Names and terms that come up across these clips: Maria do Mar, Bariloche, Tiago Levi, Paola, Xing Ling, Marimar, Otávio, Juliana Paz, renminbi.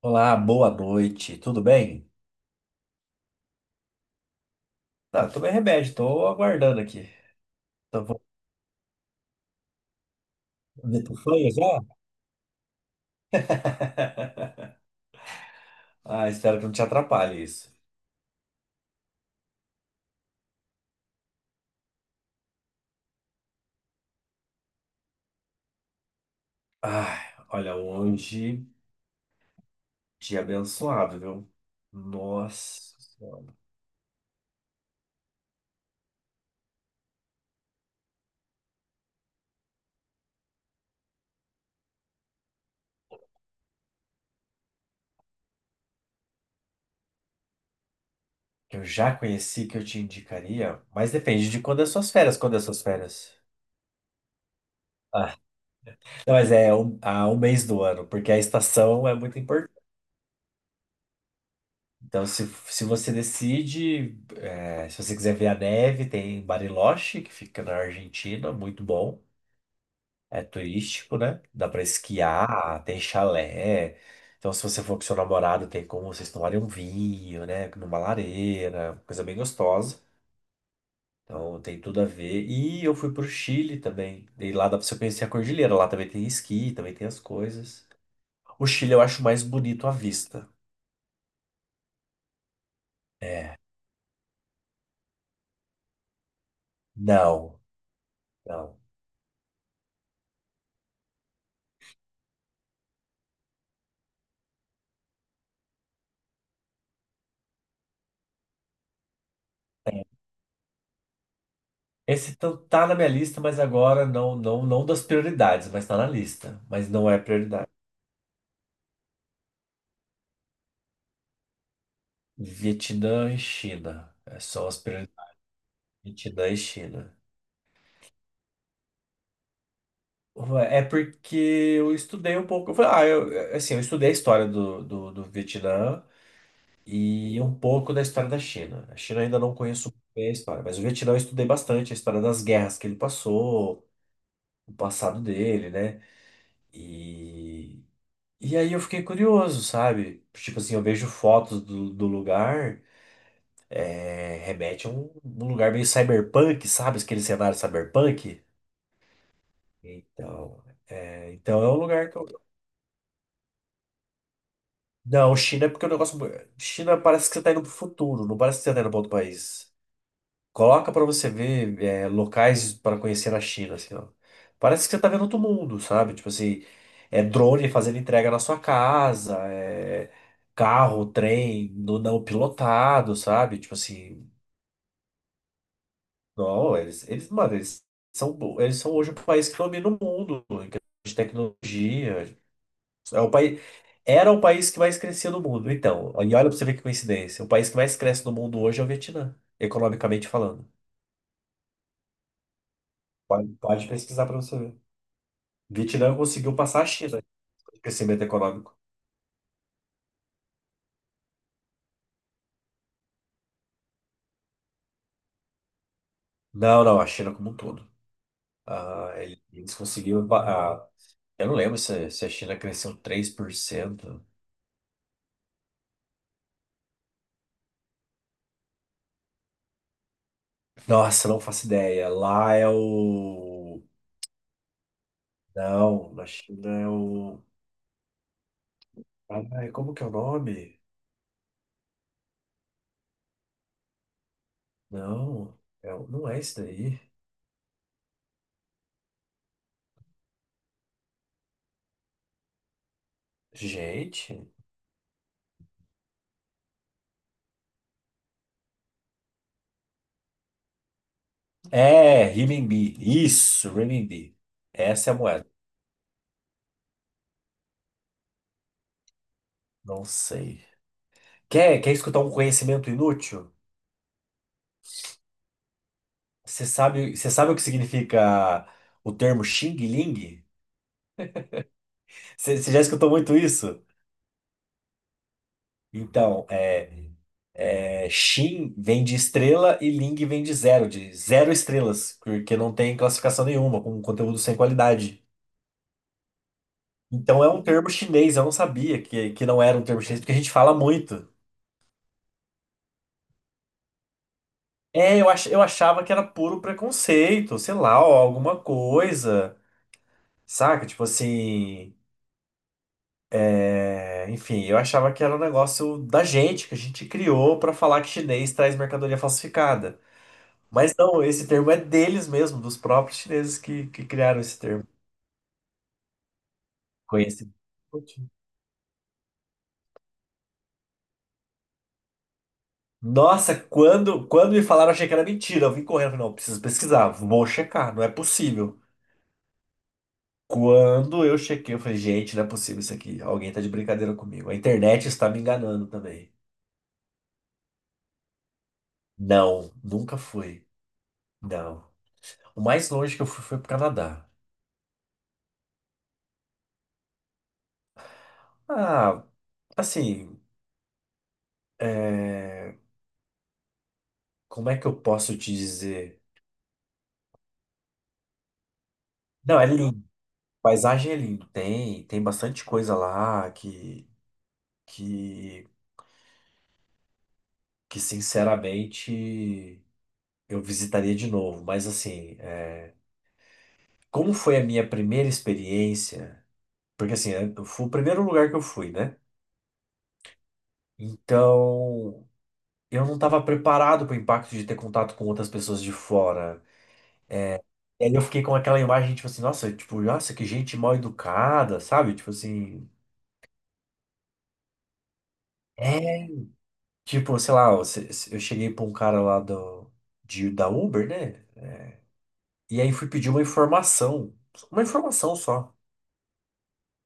Olá, boa noite. Tudo bem? Tá, tomei remédio, tô aguardando aqui. Tô vou- me tu já? Ah, espero que não te atrapalhe isso. Ai, olha, hoje, dia abençoado, viu? Nossa, eu já conheci que eu te indicaria, mas depende de quando é suas férias, quando é suas férias. Ah, não, mas é um, um mês do ano, porque a estação é muito. Então, se você decide, é, se você quiser ver a neve, tem Bariloche, que fica na Argentina, muito bom. É turístico, né? Dá pra esquiar, tem chalé. Então, se você for com seu namorado, tem como vocês tomarem um vinho, né? Numa lareira, coisa bem gostosa. Então, tem tudo a ver. E eu fui pro Chile também. E lá dá pra você conhecer a cordilheira. Lá também tem esqui, também tem as coisas. O Chile eu acho mais bonito à vista. Não, não. Esse tá na minha lista, mas agora não, não, não das prioridades, mas tá na lista. Mas não é prioridade. Vietnã e China. É só as prioridades. Vietnã e China. É porque eu estudei um pouco. Eu falei, ah, eu, assim, eu estudei a história do Vietnã e um pouco da história da China. A China eu ainda não conheço bem a história, mas o Vietnã eu estudei bastante a história das guerras que ele passou, o passado dele, né? e E aí eu fiquei curioso, sabe? Tipo assim, eu vejo fotos do lugar, é, remete a um lugar meio cyberpunk, sabe? Aquele cenário cyberpunk. Então, então é um lugar que eu... Não, China é porque o negócio... China parece que você tá indo pro futuro, não parece que você tá indo pra outro país. Coloca pra você ver é, locais pra conhecer na China, assim, ó. Parece que você tá vendo outro mundo, sabe? Tipo assim, é drone fazendo entrega na sua casa, é carro, trem, no, não pilotado, sabe? Tipo assim, não, mano, eles são hoje o país que domina o mundo em questão de tecnologia. É o país, era o país que mais crescia no mundo, então. E olha pra você ver que coincidência. O país que mais cresce no mundo hoje é o Vietnã, economicamente falando. Pode, pode pesquisar pra você ver. Vietnã conseguiu passar a China de crescimento econômico. Não, não, a China como um todo. Ah, eles conseguiram. Eu não lembro se, a China cresceu 3%. Nossa, não faço ideia. Lá é o. Não, na China é o. Ai, como que é o nome? Não, é o- não é isso daí. Gente. É, renminbi. Isso, renminbi. Essa é a moeda. Não sei. Quer, quer escutar um conhecimento inútil? Você sabe o que significa o termo Xing Ling? Você já escutou muito isso? Então, Xin vem de estrela e Ling vem de zero estrelas, porque não tem classificação nenhuma, com conteúdo sem qualidade. Então é um termo chinês, eu não sabia que não era um termo chinês, porque a gente fala muito. Eu achava que era puro preconceito, sei lá, ó, alguma coisa, saca? Tipo assim. É, enfim, eu achava que era um negócio da gente, que a gente criou para falar que chinês traz mercadoria falsificada. Mas não, esse termo é deles mesmo, dos próprios chineses que criaram esse termo. Conheci. Nossa, quando me falaram, eu achei que era mentira. Eu vim correndo, falei, não, preciso pesquisar, vou checar, não é possível. Quando eu chequei, eu falei, gente, não é possível isso aqui. Alguém tá de brincadeira comigo. A internet está me enganando também. Não, nunca fui. Não. O mais longe que eu fui foi pro Canadá. Ah, assim, é, como é que eu posso te dizer? Não, é lindo. Paisagem é lindo. Tem bastante coisa lá que, que sinceramente eu visitaria de novo. Mas assim, é, como foi a minha primeira experiência? Porque assim, é, foi o primeiro lugar que eu fui, né? Então, eu não estava preparado para o impacto de ter contato com outras pessoas de fora. E aí eu fiquei com aquela imagem, tipo assim, nossa, tipo, nossa, que gente mal educada, sabe? Tipo assim. É, tipo, sei lá, eu se- se- eu cheguei pra um cara lá da Uber, né? E aí fui pedir uma informação. Uma informação só.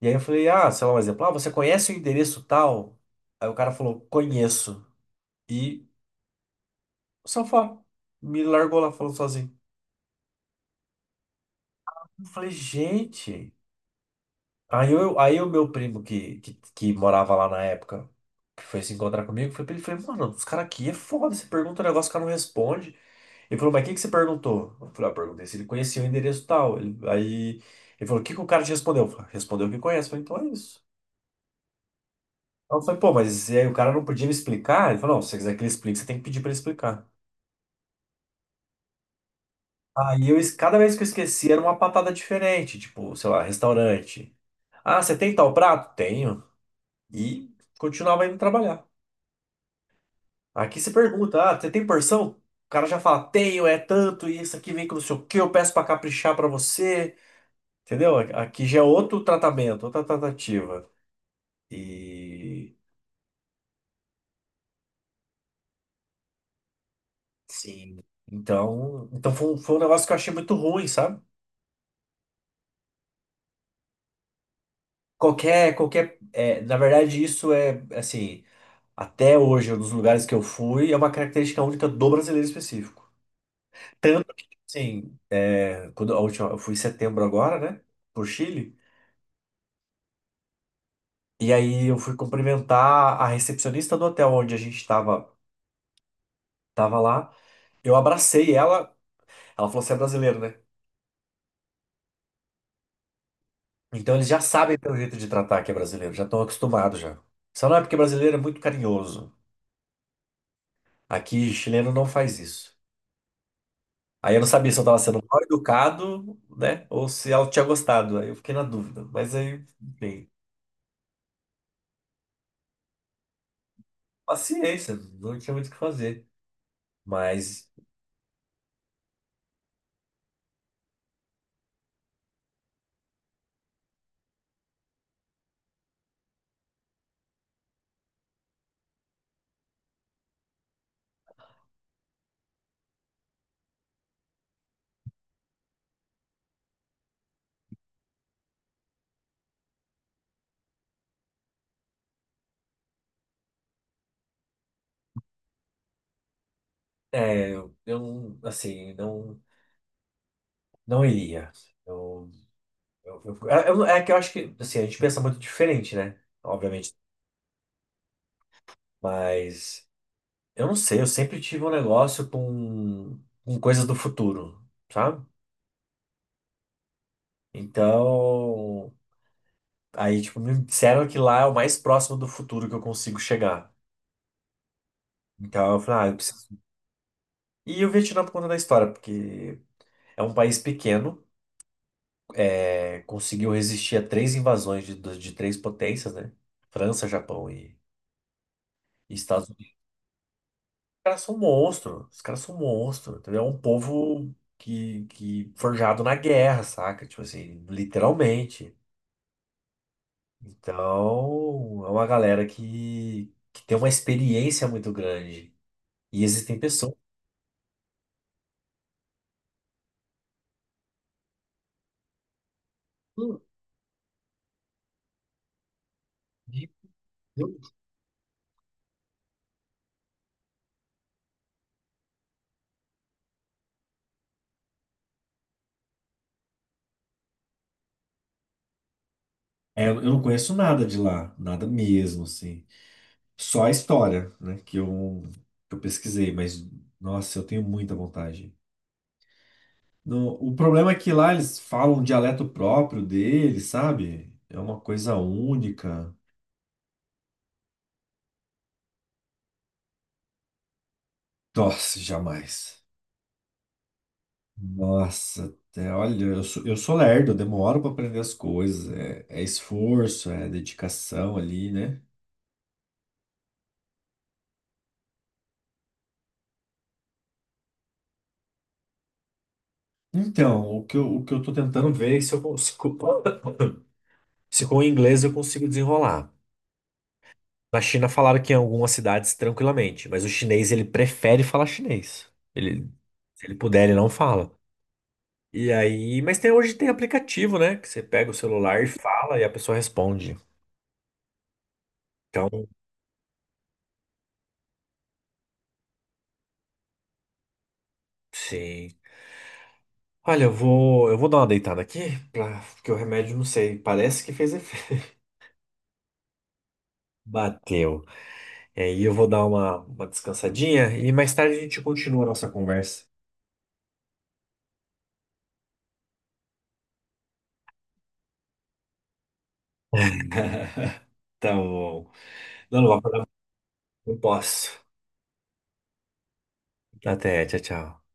E aí eu falei, ah, sei lá, um exemplo, ah, você conhece o endereço tal? Aí o cara falou, conheço. E o sofá me largou lá falando sozinho. Eu falei, gente. Aí, eu, aí o meu primo que morava lá na época, que foi se encontrar comigo, foi pra ele, falei, mano, os caras aqui é foda, você pergunta um negócio, o cara não responde. Ele falou, mas o que que você perguntou? Eu falei, ah, perguntei se ele conhecia o endereço tal. Aí ele falou, o que que o cara te respondeu? Eu falei, respondeu que conhece. Eu falei, então é isso. Aí eu falei, pô, mas e aí o cara não podia me explicar? Ele falou, não, se você quiser que ele explique, você tem que pedir pra ele explicar. Aí eu, cada vez que eu esquecia, era uma patada diferente, tipo, sei lá, restaurante. Ah, você tem tal prato? Tenho. E continuava indo trabalhar. Aqui você pergunta, ah, você tem porção? O cara já fala, tenho, é tanto, e isso aqui vem com não sei o quê, eu peço pra caprichar pra você. Entendeu? Aqui já é outro tratamento, outra tratativa. E sim. Então, foi, foi um negócio que eu achei muito ruim, sabe? Na verdade, isso é assim, até hoje, um dos lugares que eu fui, é uma característica única do brasileiro específico. Tanto que, assim, é, quando a última, eu fui em setembro agora, né? Por Chile. E aí eu fui cumprimentar a recepcionista do hotel onde a gente tava lá. Eu abracei ela. Ela falou, você é brasileiro, né? Então eles já sabem pelo jeito de tratar que é brasileiro, já estão acostumados já. Só não é porque brasileiro é muito carinhoso. Aqui, chileno não faz isso. Aí eu não sabia se eu estava sendo mal educado, né? Ou se ela tinha gostado. Aí eu fiquei na dúvida. Mas aí, enfim, paciência, não tinha muito o que fazer. Mas, eu não, assim, não, não iria. Eu, eu- é que eu acho que, assim, a gente pensa muito diferente, né? Obviamente. Mas. Eu não sei, eu sempre tive um negócio com coisas do futuro, sabe? Então, aí, tipo, me disseram que lá é o mais próximo do futuro que eu consigo chegar. Então, eu falei, ah, eu preciso. E o Vietnã por conta da história, porque é um país pequeno, conseguiu resistir a três invasões de três potências, né? França, Japão e Estados Unidos. Os caras são monstros, os caras são monstros, entendeu? É um povo que forjado na guerra, saca? Tipo assim, literalmente. Então, é uma galera que tem uma experiência muito grande. E existem pessoas. que- É, eu não conheço nada de lá, nada mesmo, assim. Só a história, né, que eu pesquisei, mas, nossa, eu tenho muita vontade. O problema é que lá eles falam um dialeto próprio deles, sabe? É uma coisa única. Nossa, jamais. Nossa, olha, eu sou lerdo, eu demoro para aprender as coisas, é, é esforço, é dedicação ali, né? Então, o que eu tô tentando ver é se eu consigo, se com o inglês eu consigo desenrolar. Na China falaram que em algumas cidades tranquilamente, mas o chinês ele prefere falar chinês. Ele, se ele puder, ele não fala. E aí, mas tem, hoje tem aplicativo, né? Que você pega o celular e fala e a pessoa responde. Então, sim. Olha, eu vou dar uma deitada aqui, pra, porque o remédio, não sei, parece que fez efeito. Bateu. E aí eu vou dar uma descansadinha e mais tarde a gente continua a nossa conversa. Tá bom. Não, não, vou acordar, não posso. Até, tchau, tchau.